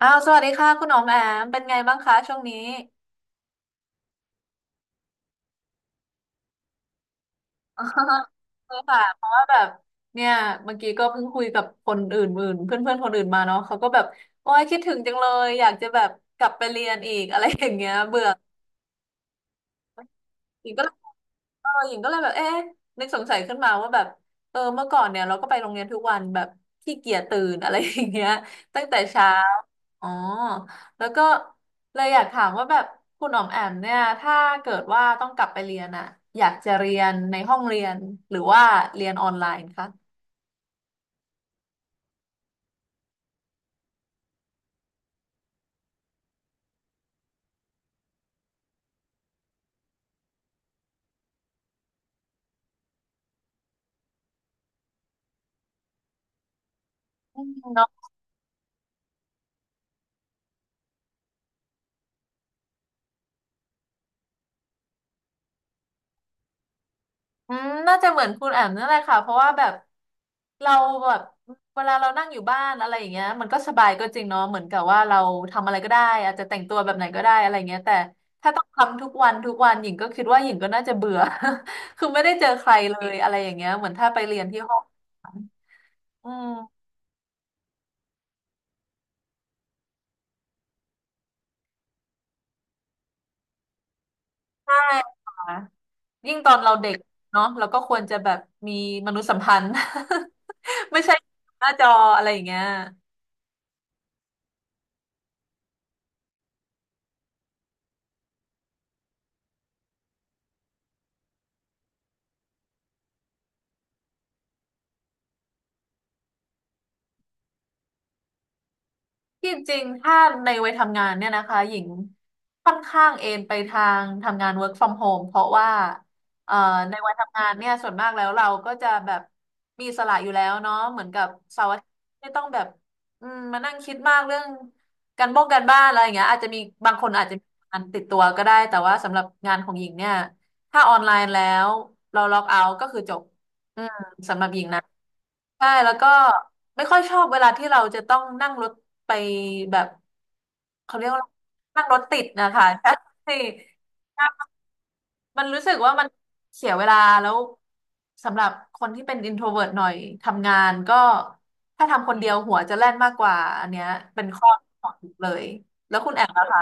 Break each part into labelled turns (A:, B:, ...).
A: อ้าวสวัสดีค่ะคุณอ๋อมแอมเป็นไงบ้างคะช่วงนี้อ๋อคือ ค่ะเพราะว่าแบบเนี่ยเมื่อกี้ก็เพิ่งคุยกับคนอื่นเพื่อนเพื่อนๆคนอื่นมาเนาะเขาก็แบบโอ้ยคิดถึงจังเลยอยากจะแบบกลับไปเรียนอีกอะไรอย่างเงี้ยเบื่อ หญิงก็เลยหญิงก็เลยแบบเอ๊ะนึกสงสัยขึ้นมาว่าแบบเออเมื่อก่อนเนี่ยเราก็ไปโรงเรียนทุกวันแบบขี้เกียจตื่นอะไรอย่างเงี้ยตั้งแต่เช้าอ๋อแล้วก็เลยอยากถามว่าแบบคุณอ๋อมแอมเนี่ยถ้าเกิดว่าต้องกลับไปเรียนอะอยากจะเรียนในห้องเรียนหรือว่าเรียนออนไลน์คะอืมเนาะ อืมน่าจะเหมือนคุณแอมนั่นแหละค่ะเพราะว่าแบบเราแบบเวลาเรานั่งอยู่บ้านอะไรอย่างเงี้ยมันก็สบายก็จริงเนาะเหมือนกับว่าเราทำอะไรก็ได้อาจจะแต่งตัวแบบไหนก็ได้อะไรเงี้ยแต่ถ้าต้องทำทุกวันทุกวันหญิงก็คิดว่าหญิงก็น่าจะเบื่อ คือไม่ได้เจอใครเลยอะไรอย่างเงี้ยเหมือนถ้าไปเรียนที่ห้องอืมใช่ค่ะยิ่งตอนเราเด็กเนาะเราก็ควรจะแบบมีมนุษยสัมพันธ์ ไม่ใช่หน้าจออะไรอย่างเงี้ย ที่จริงถ้าในวัยทำงานเนี่ยนะคะหญิงค่อนข้างเอนไปทางทำงาน work from home เพราะว่าเอ่อในวัยทำงานเนี่ยส่วนมากแล้วเราก็จะแบบมีอิสละอยู่แล้วเนาะเหมือนกับเสาร์อาทิตย์ไม่ต้องแบบมานั่งคิดมากเรื่องการบ้งการบ้านอะไรอย่างเงี้ยอาจจะมีบางคนอาจจะมีงานติดตัวก็ได้แต่ว่าสำหรับงานของหญิงเนี่ยถ้าออนไลน์แล้วเราล็อกเอาท์ก็คือจบอืมสำหรับหญิงนะ ใช่แล้วก็ไม่ค่อยชอบเวลาที่เราจะต้องนั่งรถไปแบบเขาเรียกว่าอะไรนั่งรถติดนะคะใช่ มันรู้สึกว่ามันเสียเวลาแล้วสำหรับคนที่เป็น introvert หน่อยทำงานก็ถ้าทำคนเดียวหัวจะแล่นมากกว่าอันเนี้ยเป็นข้อ ของเลยนะคะ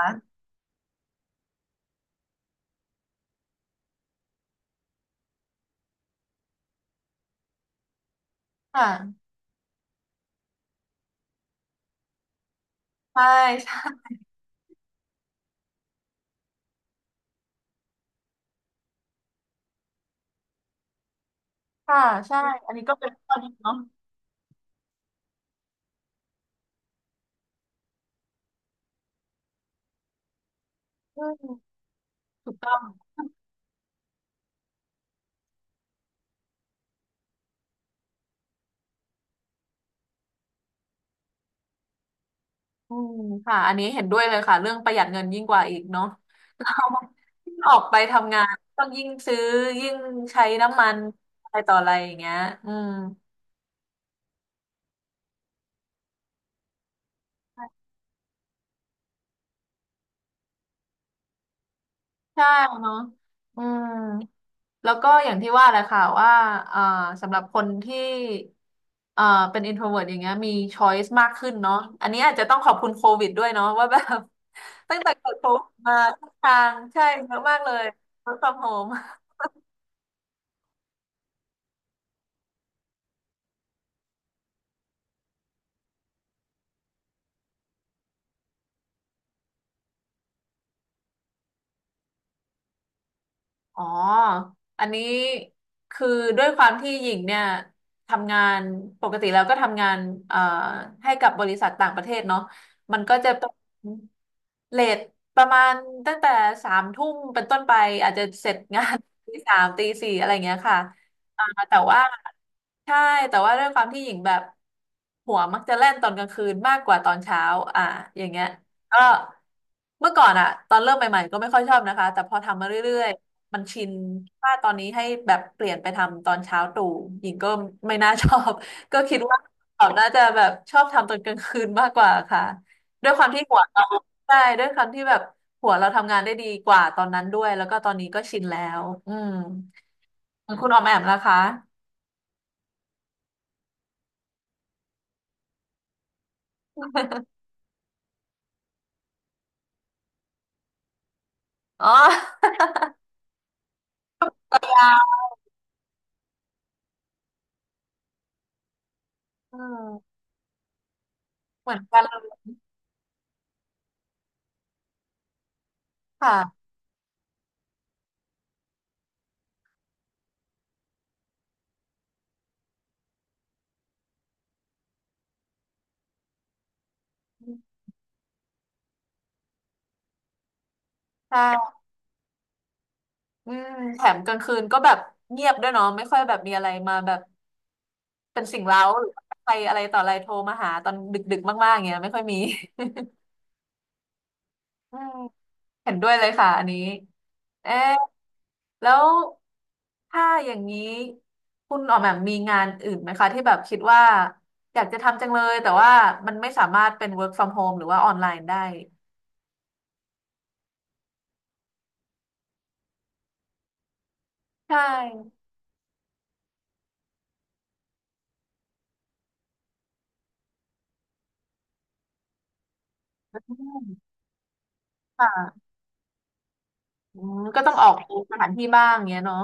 A: ค่ะใช่ใช่ค่ะใช่ อืมค่ะอันนี้เห็นด้วยเลยค่ะเรื่องประหยัดเงินยิ่งกว่าอีกเนาะ เราออกไปทำงานต้องยิ่งซื้อยิ่งใช้น้ำมันอะไรต่ออะไรอย่างเงี้ยอืมใช่เนาะอืมแล้วก็อย่างที่ว่าแหละค่ะว่าเอ่อสำหรับคนที่เอ่อเป็น introvert อย่างเงี้ยมี choice มากขึ้นเนาะอันนี้อาจจะต้องขอบคุณโควิดด้วยเนาะว่าแบบ ตั้งแต่เกิดโควิดมาทุกทางใช่เยอะมากเลย work from home อ๋ออันนี้คือด้วยความที่หญิงเนี่ยทำงานปกติแล้วก็ทำงานเอ่อให้กับบริษัทต่างประเทศเนาะมันก็จะเป็นเลทประมาณตั้งแต่3 ทุ่มเป็นต้นไปอาจจะเสร็จงาน ตี 3 ตี 4อะไรเงี้ยค่ะอ่าแต่ว่าใช่แต่ว่าด้วยความที่หญิงแบบหัวมักจะแล่นตอนกลางคืนมากกว่าตอนเช้าอ่าอย่างเงี้ยก็เมื่อก่อนอะตอนเริ่มใหม่ๆก็ไม่ค่อยชอบนะคะแต่พอทำมาเรื่อย มันชินถ้าตอนนี้ให้แบบเปลี่ยนไปทำตอนเช้าตรู่ หญิงก็ไม่น่าชอบ ก็คิดว่าเขาน่าจะแบบชอบทำตอนกลางคืนมากกว่าค่ะด้วยความที่หัวเราใช่ด้วยความที่แบบหัวเราทำงานได้ดีกว่าตอนนั้นด้วย แล้วก็ตอนนี้ก็ชินแล้วอืมคุณออมแอมนะคะอ๋อ อืมเหมือนกันเลยค่ะใช่อืมแถมกลางคืนก็แบบเงียบด้วยเนาะไม่ค่อยแบบมีอะไรมาแบบ เป็นสิ่งเร้าหรือใครอะไรต่ออะไรโทรมาหาตอนดึกๆมากๆอย่างเงี้ยไม่ค่อยมี อืมเห็นด้วยเลยค่ะอันนี้เอ๊ะแล้วถ้าอย่างนี้คุณออกแบบมีงานอื่นไหมคะที่แบบคิดว่าอยากจะทำจังเลยแต่ว่ามันไม่สามารถเป็น work from home หรือว่าออนไลน์ได้ใช่อืมค่ะอืมก็ต้องออกสถานที่บ้างเงี้ยเนาะ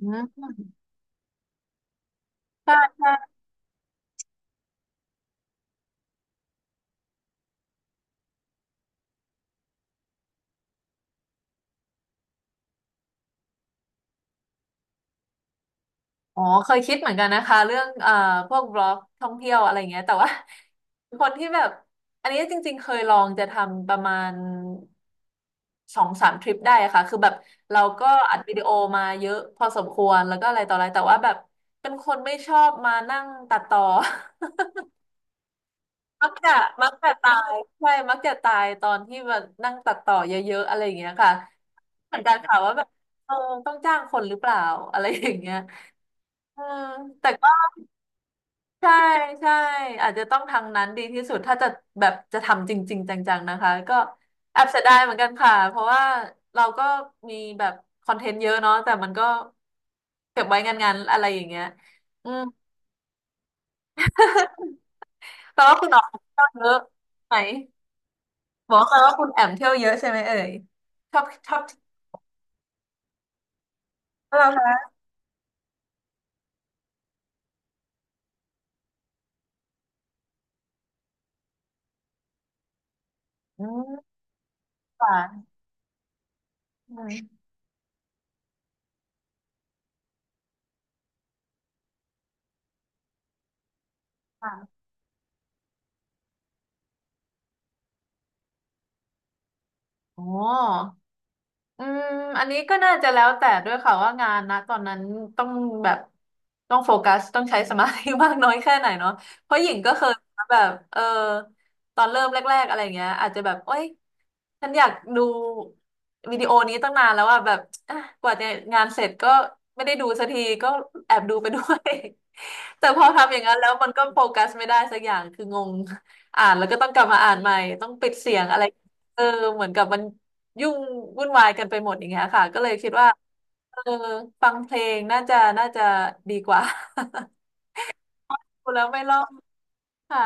A: อืมใช่ใช่ อ๋อเคยคิดเหมือนกันนะคะเรื่องพวกบล็อกท่องเที่ยวอะไรเงี้ยแต่ว่า คนที่แบบอันนี้จริงๆเคยลองจะทำประมาณ2-3 ทริปได้อะค่ะคือแบบเราก็อัดวิดีโอมาเยอะพอสมควรแล้วก็อะไรต่ออะไรแต่ว่าแบบเป็นคนไม่ชอบมานั่งตัดต่อ มักจะมักจะตายใช่มักจะตายตอนที่แบบนั่งตัดต่อเยอะๆอะไรอย่างเงี้ยค่ะเหมือนกันค่ะว่าแบบเออต้องจ้างคนหรือเปล่าอะไรอย่างเงี้ยเออแต่ ใช่ใช่อาจจะต้องทางนั้นดีที่สุดถ้าจะแบบจะทำจริงๆจังๆนะคะก็แอบเสียดายเหมือนกันค่ะเพราะว่าเราก็มีแบบคอนเทนต์เยอะเนาะแต่มันก็เก็บไว้งานๆอะไรอย่างเงี้ยอืม แปลว่าคุณออกเที่ยวเยอะไหมบอกแปลว่าคุณแอมเที่ยวเยอะใช่ไหมเอ่ยชอบชอบเที่ยวเหรอคะอืมค่ะอืมค่ะโอ้ อืมอันนี้ก็น่าจะแล้วแต่ด้วยค่ะว่างานนะตอนนั้นต้องแบบต้องโฟกัสต้องใช้สมาธิมากน้อยแค่ไหนเนาะเพราะหญิงก็เคยแบบตอนเริ่มแรกๆอะไรเงี้ยอาจจะแบบโอ๊ยฉันอยากดูวิดีโอนี้ตั้งนานแล้วอะแบบอ่ะกว่าจะงานเสร็จก็ไม่ได้ดูสักทีก็แอบดูไปด้วย แต่พอทำอย่างนั้นแล้วมันก็โฟกัสไม่ได้สักอย่างคืองงอ่านแล้วก็ต้องกลับมาอ่านใหม่ต้องปิดเสียงอะไรเออเหมือนกับมัน ยุ่งวุ่นวายกันไปหมดอย่างเงี้ยค่ะก็เลยคิดว่าเออฟังเพลงน่าจะดีกว่า พูดแล้วไม่รอดค่ะ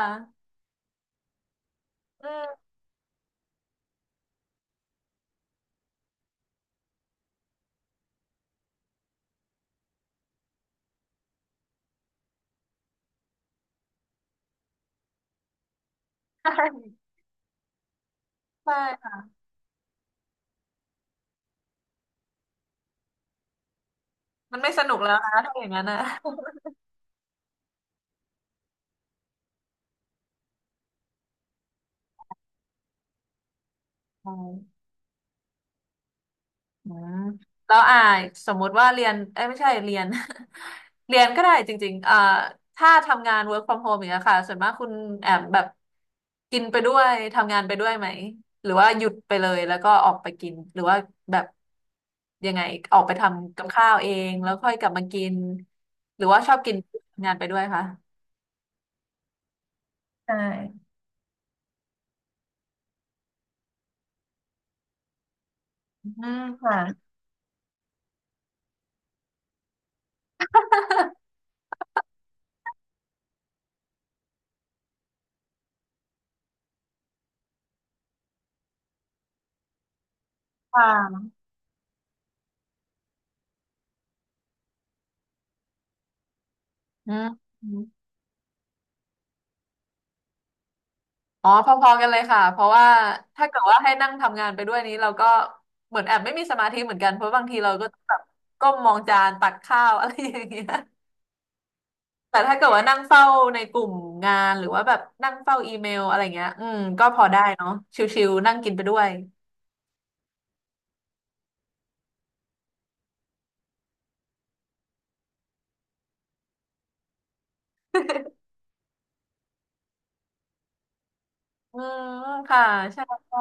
A: อืมใช่ใช่ค่ะมันไม่สนุกแล้วนะถ้าอย่างนั้นนะ อืมแล้วสมมุติว่าเรียนเอ้ยไม่ใช่เรียน เรียนก็ได้จริงๆถ้าทำงาน work from home อย่างเงี้ยค่ะส่วนมากคุณแอมแบบกินไปด้วยทำงานไปด้วยไหมหรือว่าหยุดไปเลยแล้วก็ออกไปกินหรือว่าแบบยังไงออกไปทำกับข้าวเองแล้วค่อยกลับมากินหรือว่าชอบกินทำงานไปด้วยคะใช่อืมค่ะ ค่ะอืม อ๋อพอๆกันเลยค่ะเพราะว่าถ้าเกิดว่าให้นั่งทำงานไปด้วยนี้เราก็เหมือนแอบไม่มีสมาธิเหมือนกันเพราะบางทีเราก็ต้องแบบก้มมองจานตักข้าว อะไรอย่างเงี้ยแต่ถ้าเกิดว่านั่งเฝ้าในกลุ่มงานหรือว่าแบบนั่งเฝ้าอีเมลอะไรเงี้ยอืมก็พอได้เนาะชิวๆนั่งกินไปด้วยอืมค่ะใช่ใช่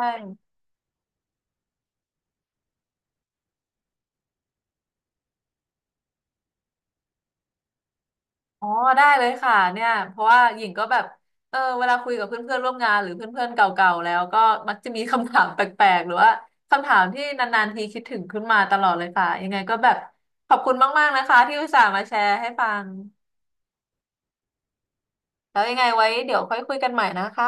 A: อ๋อได้เลยค่ะเนี่ยเพราะว่าหญิงก็แบบเออเวลาคุยกับเพื่อนๆร่วมงานหรือเพื่อนๆเก่าๆแล้วก็มักจะมีคำถาม แปลกๆหรือว่าคำถามที่นานๆทีคิดถึงขึ้นมาตลอดเลยค่ะยังไงก็แบบขอบคุณมากๆนะคะที่อุตส่าห์มาแชร์ให้ฟังแล้วยังไงไว้เดี๋ยวค่อยคุยกันใหม่นะคะ